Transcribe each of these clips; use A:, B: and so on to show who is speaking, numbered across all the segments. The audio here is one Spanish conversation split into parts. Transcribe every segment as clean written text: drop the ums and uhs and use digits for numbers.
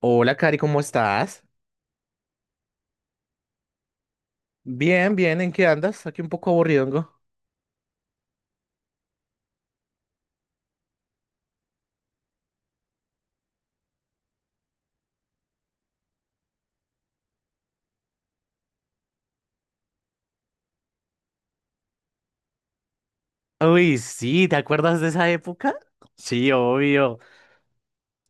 A: Hola, Cari, ¿cómo estás? Bien, bien, ¿en qué andas? Aquí un poco aburrido. Uy, sí, ¿te acuerdas de esa época? Sí, obvio.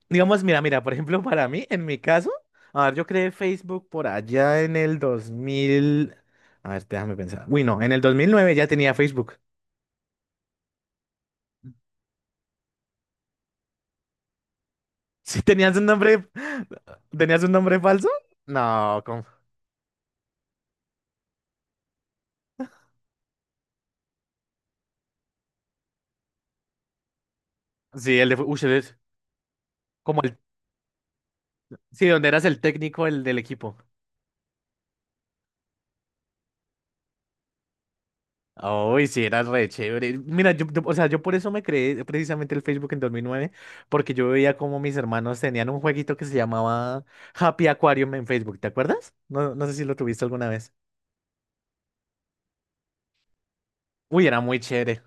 A: Digamos, mira, mira, por ejemplo, para mí, en mi caso, a ver, yo creé Facebook por allá en el 2000. A ver, déjame pensar. Uy, no, en el 2009 ya tenía Facebook. ¿Sí tenías un nombre? ¿Tenías un nombre falso? No, como. Sí, el de... Uy, eres como el... Sí, donde eras el técnico, el del equipo. Uy, sí, era re chévere. Mira, o sea, yo por eso me creé precisamente el Facebook en 2009, porque yo veía como mis hermanos tenían un jueguito que se llamaba Happy Aquarium en Facebook, ¿te acuerdas? No, no sé si lo tuviste alguna vez. Uy, era muy chévere.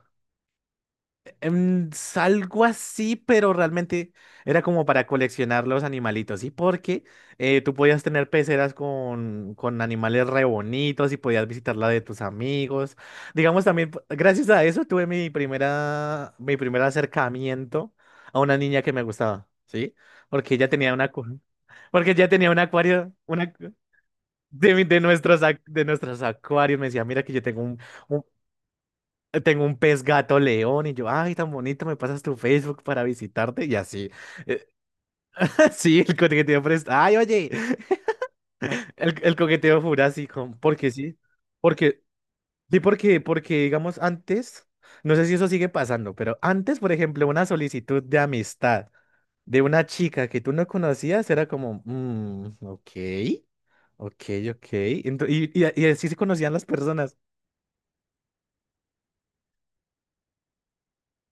A: Em, Algo así, pero realmente era como para coleccionar los animalitos, ¿sí? Porque tú podías tener peceras con animales re bonitos y podías visitar la de tus amigos. Digamos también, gracias a eso tuve mi primer acercamiento a una niña que me gustaba, ¿sí? Porque ella tenía porque ella tenía un acuario, una, de, mi- de nuestros, ac- de nuestros acuarios. Me decía, mira que yo tengo un pez gato león y yo, ay, tan bonito, me pasas tu Facebook para visitarte y así. Eh, sí, ay, oye, el coqueteo jurásico, porque sí, porque, porque digamos antes, no sé si eso sigue pasando, pero antes, por ejemplo, una solicitud de amistad de una chica que tú no conocías era como, "Mm, ok, ok, ok." Y así se conocían las personas.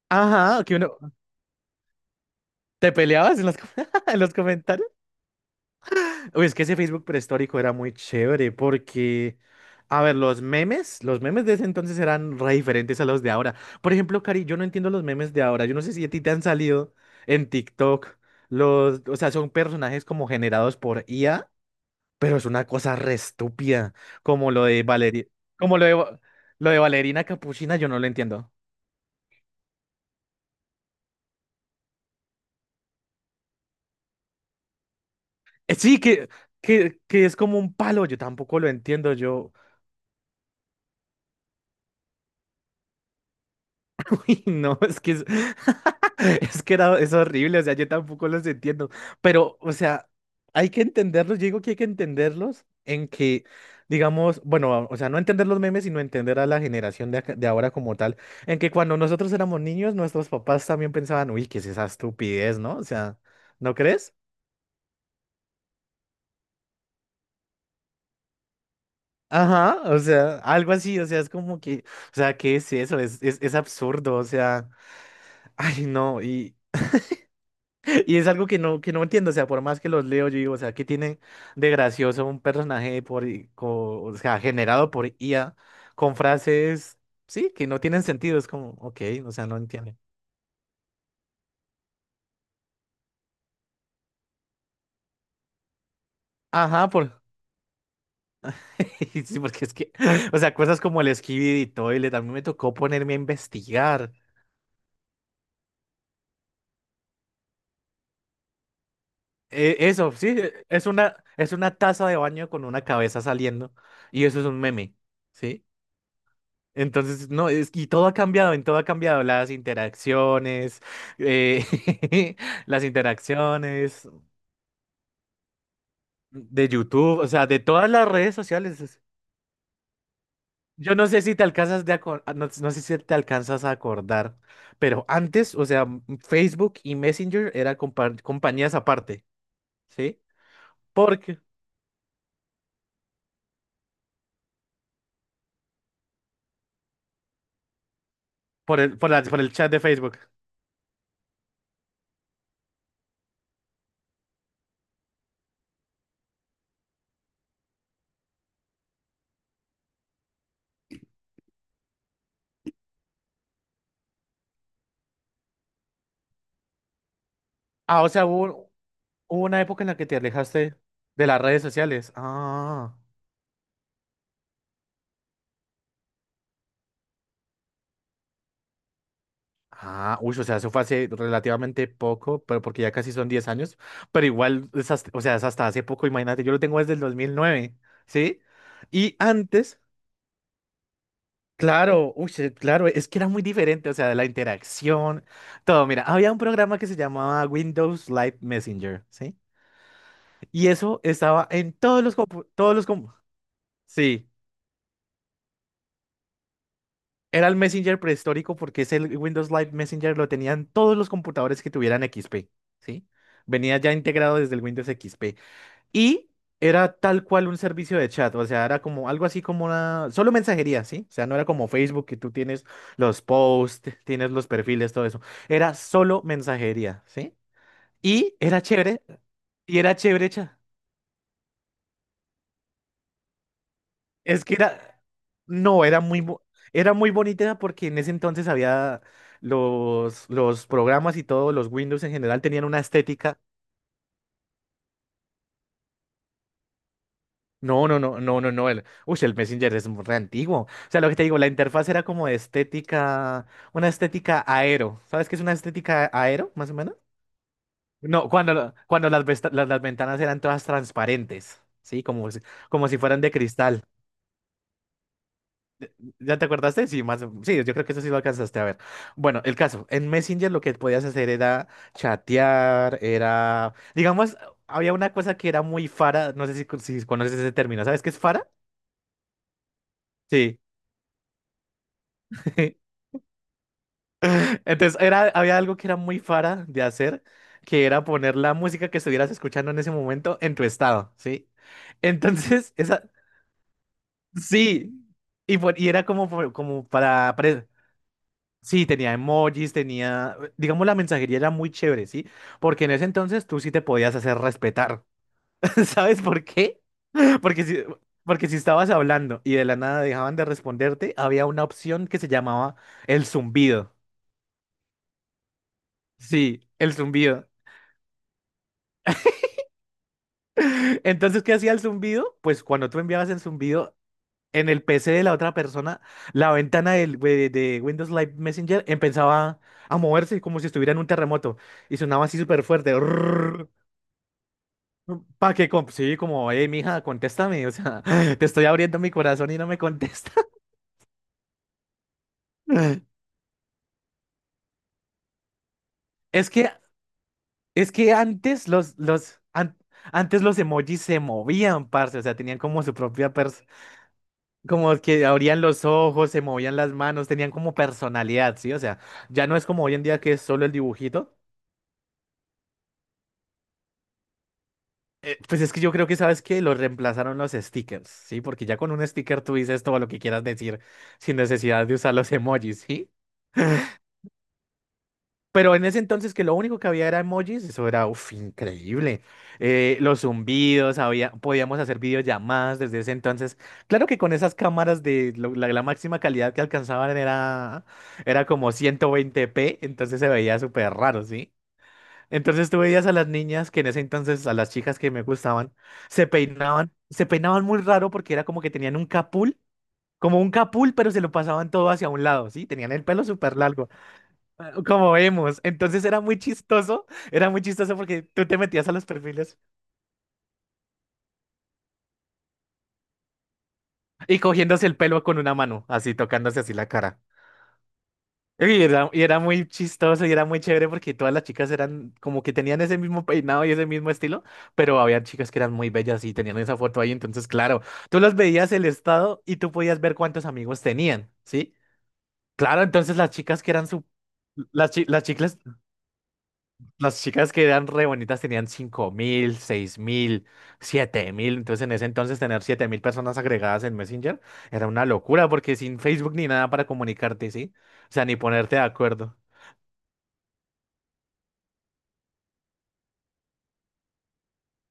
A: Ajá, ¿te peleabas en en los comentarios? Uy, es que ese Facebook prehistórico era muy chévere porque, a ver, los memes de ese entonces eran re diferentes a los de ahora. Por ejemplo, Cari, yo no entiendo los memes de ahora. Yo no sé si a ti te han salido en TikTok o sea, son personajes como generados por IA, pero es una cosa re estúpida, como lo de Valeria, como lo de, Va- lo de Valerina Capuchina, yo no lo entiendo. Sí, que es como un palo, yo tampoco lo entiendo, yo. Y no, es que era, es horrible, o sea, yo tampoco los entiendo, pero, o sea, hay que entenderlos, yo digo que hay que entenderlos en que, digamos, bueno, o sea, no entender los memes, sino entender a la generación de ahora como tal, en que cuando nosotros éramos niños, nuestros papás también pensaban, uy, ¿qué es esa estupidez, no? O sea, ¿no crees? Ajá, o sea, algo así, o sea, es como que, o sea, ¿qué es eso? Es absurdo, o sea, ay, no, y es algo que no, entiendo, o sea, por más que los leo, yo digo, o sea, ¿qué tiene de gracioso un personaje o sea, generado por IA con frases, sí, que no tienen sentido? Es como, ok, o sea, no entiendo. Ajá, sí, porque es que, o sea, cosas como el Skibidi y Toilet, a mí me tocó ponerme a investigar. Eso, sí, es una taza de baño con una cabeza saliendo y eso es un meme, ¿sí? Entonces, no, y todo ha cambiado, las interacciones, eh, las interacciones de YouTube, o sea, de todas las redes sociales. Yo no sé si te alcanzas ah, no, no sé si te alcanzas a acordar, pero antes, o sea, Facebook y Messenger eran compañías aparte, ¿sí? Porque, por el chat de Facebook. Ah, o sea, hubo una época en la que te alejaste de las redes sociales. Ah. Ah, uy, o sea, eso fue hace relativamente poco, pero porque ya casi son 10 años, pero igual, o sea, es hasta hace poco, imagínate, yo lo tengo desde el 2009, ¿sí? Y antes, claro, uy, sí, claro, es que era muy diferente, o sea, de la interacción, todo, mira, había un programa que se llamaba Windows Live Messenger, ¿sí? Y eso estaba en todos los, compu- todos los, com- sí. Era el Messenger prehistórico porque ese Windows Live Messenger lo tenían todos los computadores que tuvieran XP, ¿sí? Venía ya integrado desde el Windows XP. Y era tal cual un servicio de chat, o sea, era como algo así como una... Solo mensajería, ¿sí? O sea, no era como Facebook que tú tienes los posts, tienes los perfiles, todo eso. Era solo mensajería, ¿sí? Y era chévere, y era chévere. Es que era, no, era muy, era muy bonita porque en ese entonces había los programas y todo los Windows en general tenían una estética. No, no, no, no, no, no. El Messenger es re antiguo. O sea, lo que te digo, la interfaz era como una estética aero. ¿Sabes qué es una estética aero, más o menos? No, cuando las ventanas eran todas transparentes, ¿sí? Como si fueran de cristal. ¿Ya te acordaste? Sí, sí, yo creo que eso sí lo alcanzaste a ver. Bueno, el caso, en Messenger lo que podías hacer era chatear, digamos, había una cosa que era muy fara, no sé si conoces ese término, ¿sabes qué es fara? Sí. Entonces, había algo que era muy fara de hacer, que era poner la música que estuvieras escuchando en ese momento en tu estado, ¿sí? Entonces, esa, sí, y era como, como para, sí, tenía emojis, tenía, digamos, la mensajería era muy chévere, ¿sí? Porque en ese entonces tú sí te podías hacer respetar. ¿Sabes por qué? Porque si, porque si estabas hablando y de la nada dejaban de responderte, había una opción que se llamaba el zumbido. Sí, el zumbido. Entonces, ¿qué hacía el zumbido? Pues cuando tú enviabas el zumbido en el PC de la otra persona, la ventana de Windows Live Messenger empezaba a moverse como si estuviera en un terremoto y sonaba así súper fuerte. Pa' que, sí, como, mija, contéstame, o sea, te estoy abriendo mi corazón y no me contesta. Es que, es que antes antes los emojis se movían, parce, o sea, tenían como su propia como que abrían los ojos, se movían las manos, tenían como personalidad, ¿sí? O sea, ya no es como hoy en día que es solo el dibujito. Pues es que yo creo que, ¿sabes que los reemplazaron los stickers, ¿sí? Porque ya con un sticker tú dices todo lo que quieras decir sin necesidad de usar los emojis, ¿sí? Pero en ese entonces que lo único que había era emojis, eso era uf, increíble. Los zumbidos, podíamos hacer videollamadas desde ese entonces. Claro que con esas cámaras de la máxima calidad que alcanzaban era, era como 120p, entonces se veía súper raro, ¿sí? Entonces tú veías a las niñas que en ese entonces, a las chicas que me gustaban, se peinaban muy raro porque era como que tenían como un capul, pero se lo pasaban todo hacia un lado, ¿sí? Tenían el pelo súper largo. Ah, como vemos. Entonces era muy chistoso porque tú te metías a los perfiles y cogiéndose el pelo con una mano, así tocándose así la cara. Y era muy chistoso y era muy chévere porque todas las chicas eran como que tenían ese mismo peinado y ese mismo estilo, pero había chicas que eran muy bellas y tenían esa foto ahí. Entonces, claro, tú los veías el estado y tú podías ver cuántos amigos tenían, ¿sí? Claro, entonces las chicas que eran su... Las, chi- las chicas, Las chicas que eran re bonitas tenían 5.000, 6.000, 7.000. Entonces, en ese entonces, tener 7.000 personas agregadas en Messenger era una locura, porque sin Facebook ni nada para comunicarte, ¿sí? O sea, ni ponerte de acuerdo.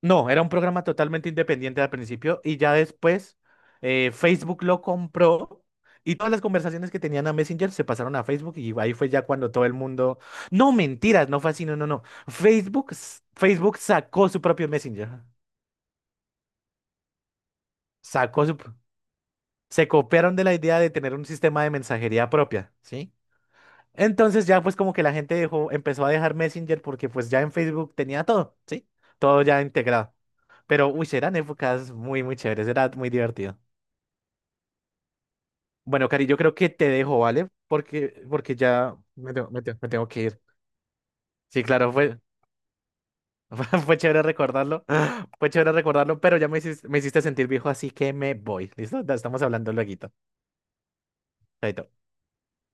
A: No, era un programa totalmente independiente al principio y ya después Facebook lo compró y todas las conversaciones que tenían a Messenger se pasaron a Facebook y ahí fue ya cuando todo el mundo. No, mentiras, no fue así, no, no, no. Facebook sacó su propio Messenger. Sacó su. Se copiaron de la idea de tener un sistema de mensajería propia, ¿sí? Entonces ya pues como que la gente dejó, empezó a dejar Messenger porque pues ya en Facebook tenía todo, ¿sí? Todo ya integrado. Pero, uy, eran épocas muy, muy chéveres, era muy divertido. Bueno, Cari, yo creo que te dejo, ¿vale? Porque ya me tengo que ir. Sí, claro, fue chévere recordarlo, fue chévere recordarlo, pero ya me hiciste sentir viejo, así que me voy. ¿Listo? Estamos hablando luego. Chaito.